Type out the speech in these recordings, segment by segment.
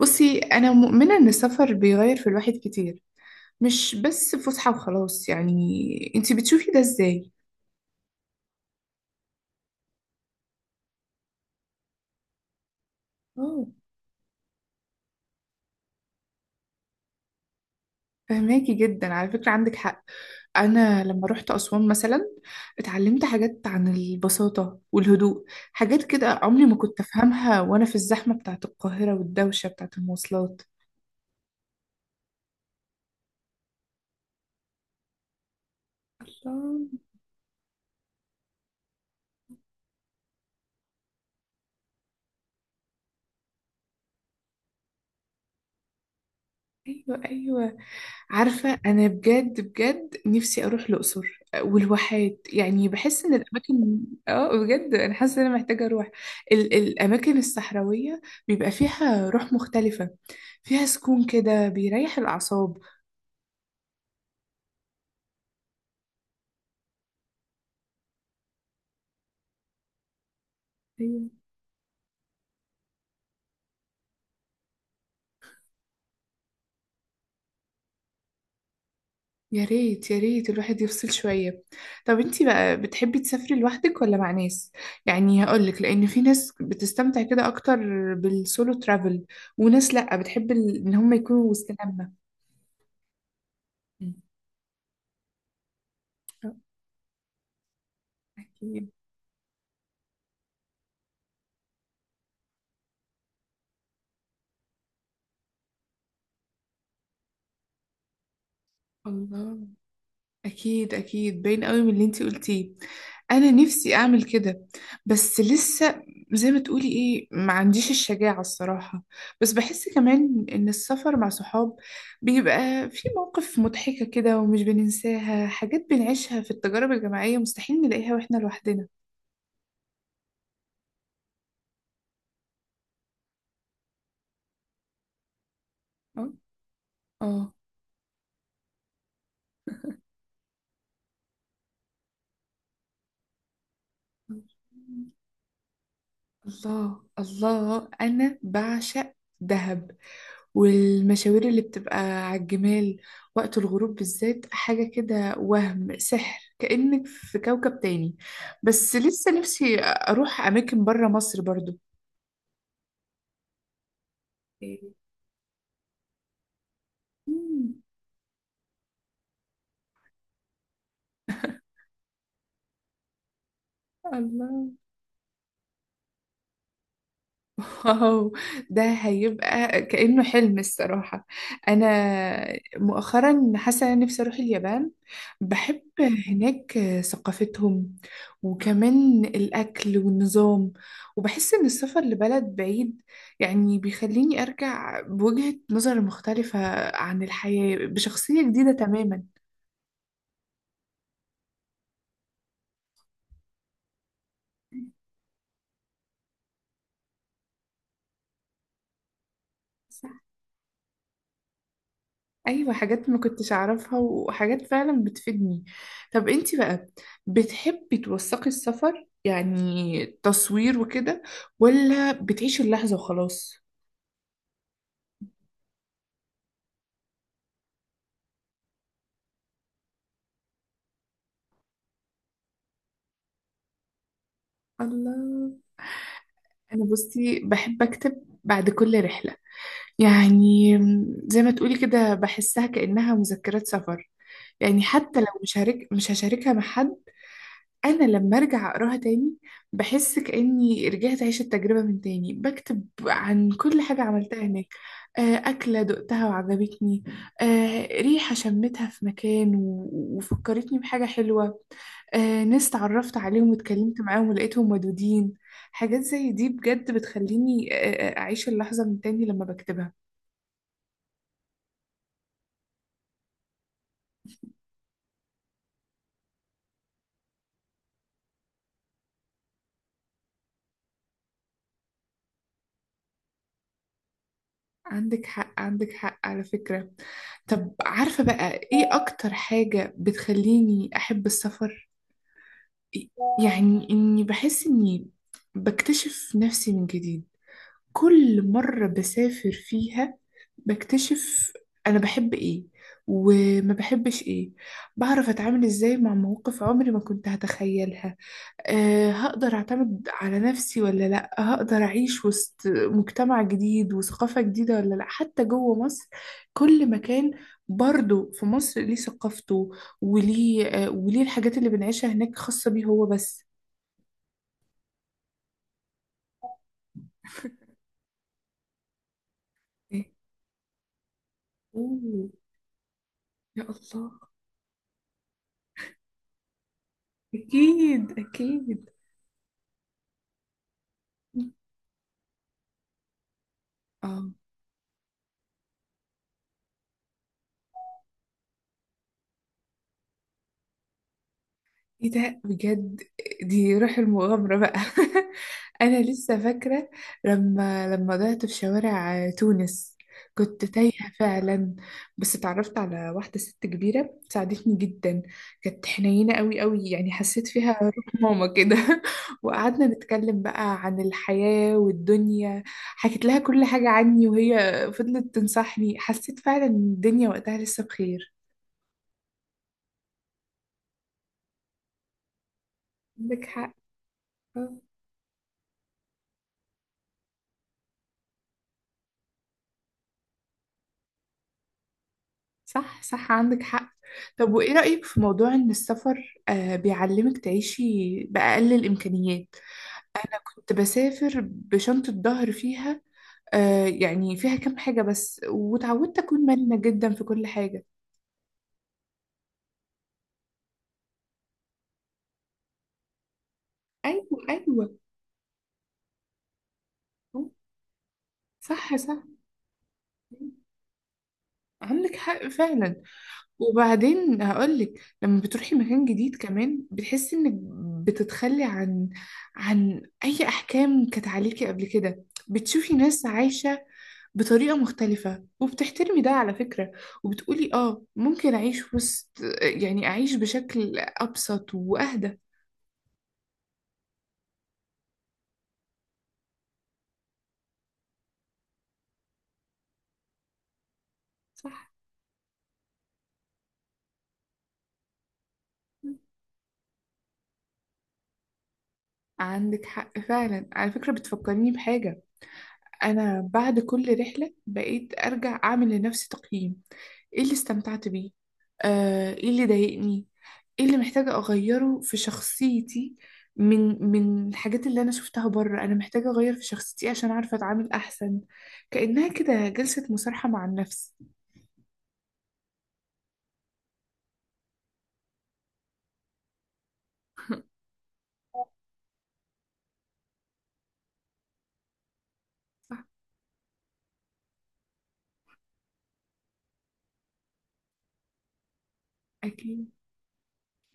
بصي، أنا مؤمنة إن السفر بيغير في الواحد كتير، مش بس فسحة وخلاص يعني. أنتي بتشوفي ده إزاي؟ اه، فهماكي جدا، على فكرة عندك حق. أنا لما رحت أسوان مثلا اتعلمت حاجات عن البساطة والهدوء، حاجات كده عمري ما كنت أفهمها وأنا في الزحمة بتاعت القاهرة والدوشة بتاعت المواصلات. الله. أيوة أيوة، عارفة أنا بجد بجد نفسي أروح الأقصر والواحات، يعني بحس إن الأماكن. بجد أنا حاسة إن أنا محتاجة أروح الأماكن الصحراوية، بيبقى فيها روح مختلفة، فيها سكون كده بيريح الأعصاب. أيوة. يا ريت يا ريت الواحد يفصل شوية. طب انتي بقى بتحبي تسافري لوحدك ولا مع ناس؟ يعني هقولك لأن في ناس بتستمتع كده أكتر بالسولو ترافل، وناس لأ بتحب إن هم يكونوا وسط لمة. مم. آه، أكيد. الله. اكيد اكيد باين قوي من اللي انتي قلتيه، انا نفسي اعمل كده بس لسه، زي ما تقولي ايه ما عنديش الشجاعة الصراحة. بس بحس كمان ان السفر مع صحاب بيبقى في مواقف مضحكة كده ومش بننساها، حاجات بنعيشها في التجارب الجماعية مستحيل نلاقيها واحنا لوحدنا. اه. آه. الله الله، انا بعشق دهب والمشاوير اللي بتبقى على الجمال وقت الغروب بالذات، حاجة كده وهم سحر كأنك في كوكب تاني. بس لسه نفسي أروح أماكن برا مصر برضو. مم. الله. واو، ده هيبقى كأنه حلم الصراحة. أنا مؤخرا حاسة إن أنا نفسي أروح اليابان، بحب هناك ثقافتهم وكمان الأكل والنظام، وبحس إن السفر لبلد بعيد يعني بيخليني أرجع بوجهة نظر مختلفة عن الحياة بشخصية جديدة. تماما. ايوه، حاجات ما كنتش اعرفها وحاجات فعلا بتفيدني. طب انتي بقى، بتحبي توثقي السفر يعني تصوير وكده، ولا بتعيشي اللحظة وخلاص؟ الله. انا بصي بحب اكتب بعد كل رحلة، يعني زي ما تقولي كده بحسها كأنها مذكرات سفر، يعني حتى لو مش مش هشاركها مع حد، انا لما ارجع اقراها تاني بحس كاني رجعت اعيش التجربه من تاني، بكتب عن كل حاجه عملتها هناك. اكله دقتها وعجبتني، ريحه شمتها في مكان وفكرتني بحاجه حلوه، ناس تعرفت عليهم واتكلمت معاهم ولقيتهم ودودين. حاجات زي دي بجد بتخليني، اعيش اللحظه من تاني لما بكتبها. عندك حق عندك حق على فكره. طب عارفه بقى ايه اكتر حاجه بتخليني احب السفر؟ يعني إني بحس إني بكتشف نفسي من جديد، كل مرة بسافر فيها بكتشف أنا بحب إيه وما بحبش إيه، بعرف أتعامل إزاي مع مواقف عمري ما كنت هتخيلها. هقدر أعتمد على نفسي ولا لأ، هقدر أعيش وسط مجتمع جديد وثقافة جديدة ولا لأ. حتى جوه مصر كل مكان، برضه في مصر ليه ثقافته وليه الحاجات اللي بنعيشها هناك خاصة بيه هو بس. إيه؟ أوه. يا الله. أكيد أكيد. آه ايه ده بجد، دي روح المغامرة بقى. انا لسه فاكرة لما ضعت في شوارع تونس، كنت تايهة فعلا، بس اتعرفت على واحدة ست كبيرة ساعدتني جدا، كانت حنينة قوي قوي يعني حسيت فيها روح ماما كده. وقعدنا نتكلم بقى عن الحياة والدنيا، حكيت لها كل حاجة عني وهي فضلت تنصحني، حسيت فعلا ان الدنيا وقتها لسه بخير. عندك حق. آه. صح صح عندك حق. طب وإيه رأيك في موضوع إن السفر بيعلمك تعيشي بأقل الإمكانيات؟ كنت بسافر بشنطة ظهر فيها، يعني فيها كام حاجة بس، وتعودت أكون مرنة جدا في كل حاجة. أيوة أيوة. صح صح. عندك حق فعلا. وبعدين هقولك، لما بتروحي مكان جديد كمان بتحسي انك بتتخلي عن، عن اي احكام كانت عليكي قبل كده، بتشوفي ناس عايشة بطريقة مختلفة وبتحترمي ده على فكرة، وبتقولي اه ممكن أعيش في وسط، يعني أعيش بشكل أبسط وأهدى. صح. عندك حق فعلا على فكرة، بتفكرني بحاجة. أنا بعد كل رحلة بقيت أرجع أعمل لنفسي تقييم، إيه اللي استمتعت بيه، إيه اللي ضايقني، إيه اللي محتاجة أغيره في شخصيتي، من الحاجات اللي أنا شفتها بره أنا محتاجة أغير في شخصيتي عشان أعرف أتعامل أحسن، كأنها كده جلسة مصالحة مع النفس. صح. أكيد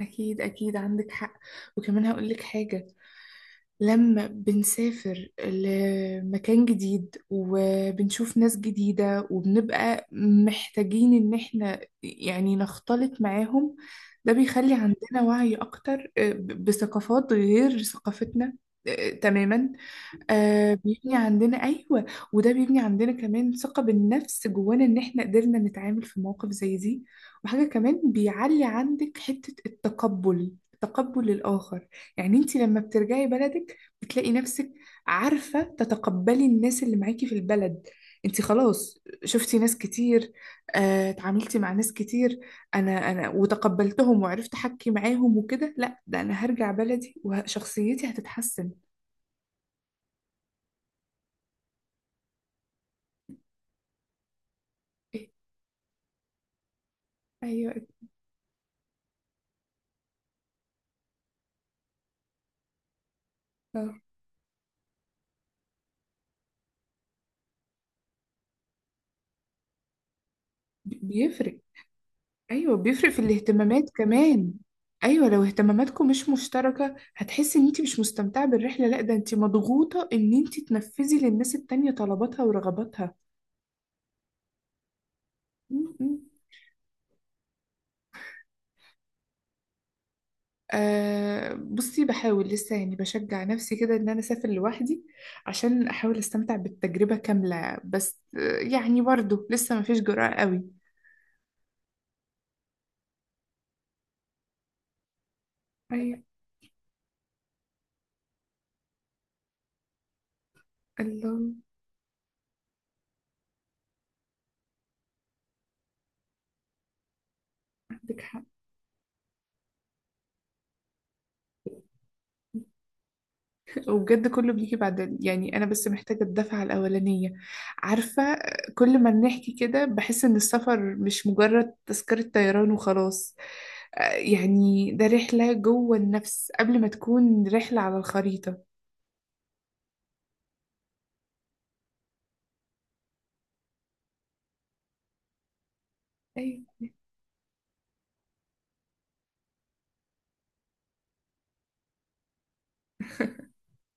أكيد أكيد عندك حق. وكمان هقول لك حاجة، لما بنسافر لمكان جديد وبنشوف ناس جديدة وبنبقى محتاجين إن إحنا يعني نختلط معاهم، ده بيخلي عندنا وعي أكتر بثقافات غير ثقافتنا. تماما. بيبني عندنا، أيوة. وده بيبني عندنا كمان ثقة بالنفس جوانا إن إحنا قدرنا نتعامل في مواقف زي دي. وحاجة كمان بيعلي عندك حتة التقبل، تقبل الآخر. يعني أنت لما بترجعي بلدك بتلاقي نفسك عارفة تتقبلي الناس اللي معاكي في البلد، أنت خلاص شفتي ناس كتير، اتعاملتي مع ناس كتير، أنا وتقبلتهم وعرفت أحكي معاهم وكده، لا ده أنا هرجع بلدي وشخصيتي هتتحسن. إيه؟ ايوه. آه. بيفرق. ايوه بيفرق في الاهتمامات كمان. ايوه لو اهتماماتكم مش مشتركه هتحسي ان انت مش مستمتعه بالرحله، لا ده انت مضغوطه ان انت تنفذي للناس التانية طلباتها ورغباتها. م- م. بصي بحاول لسه يعني بشجع نفسي كده ان انا اسافر لوحدي عشان احاول استمتع بالتجربه كامله، بس يعني برضه لسه ما فيش جرأة قوي. ايوه. الله. عندك حق. وبجد كله بيجي بعد، يعني انا بس محتاجه الدفعه الاولانيه. عارفه، كل ما بنحكي كده بحس ان السفر مش مجرد تذكره طيران وخلاص، يعني ده رحله جوه النفس قبل ما تكون رحله على الخريطه. أيوة.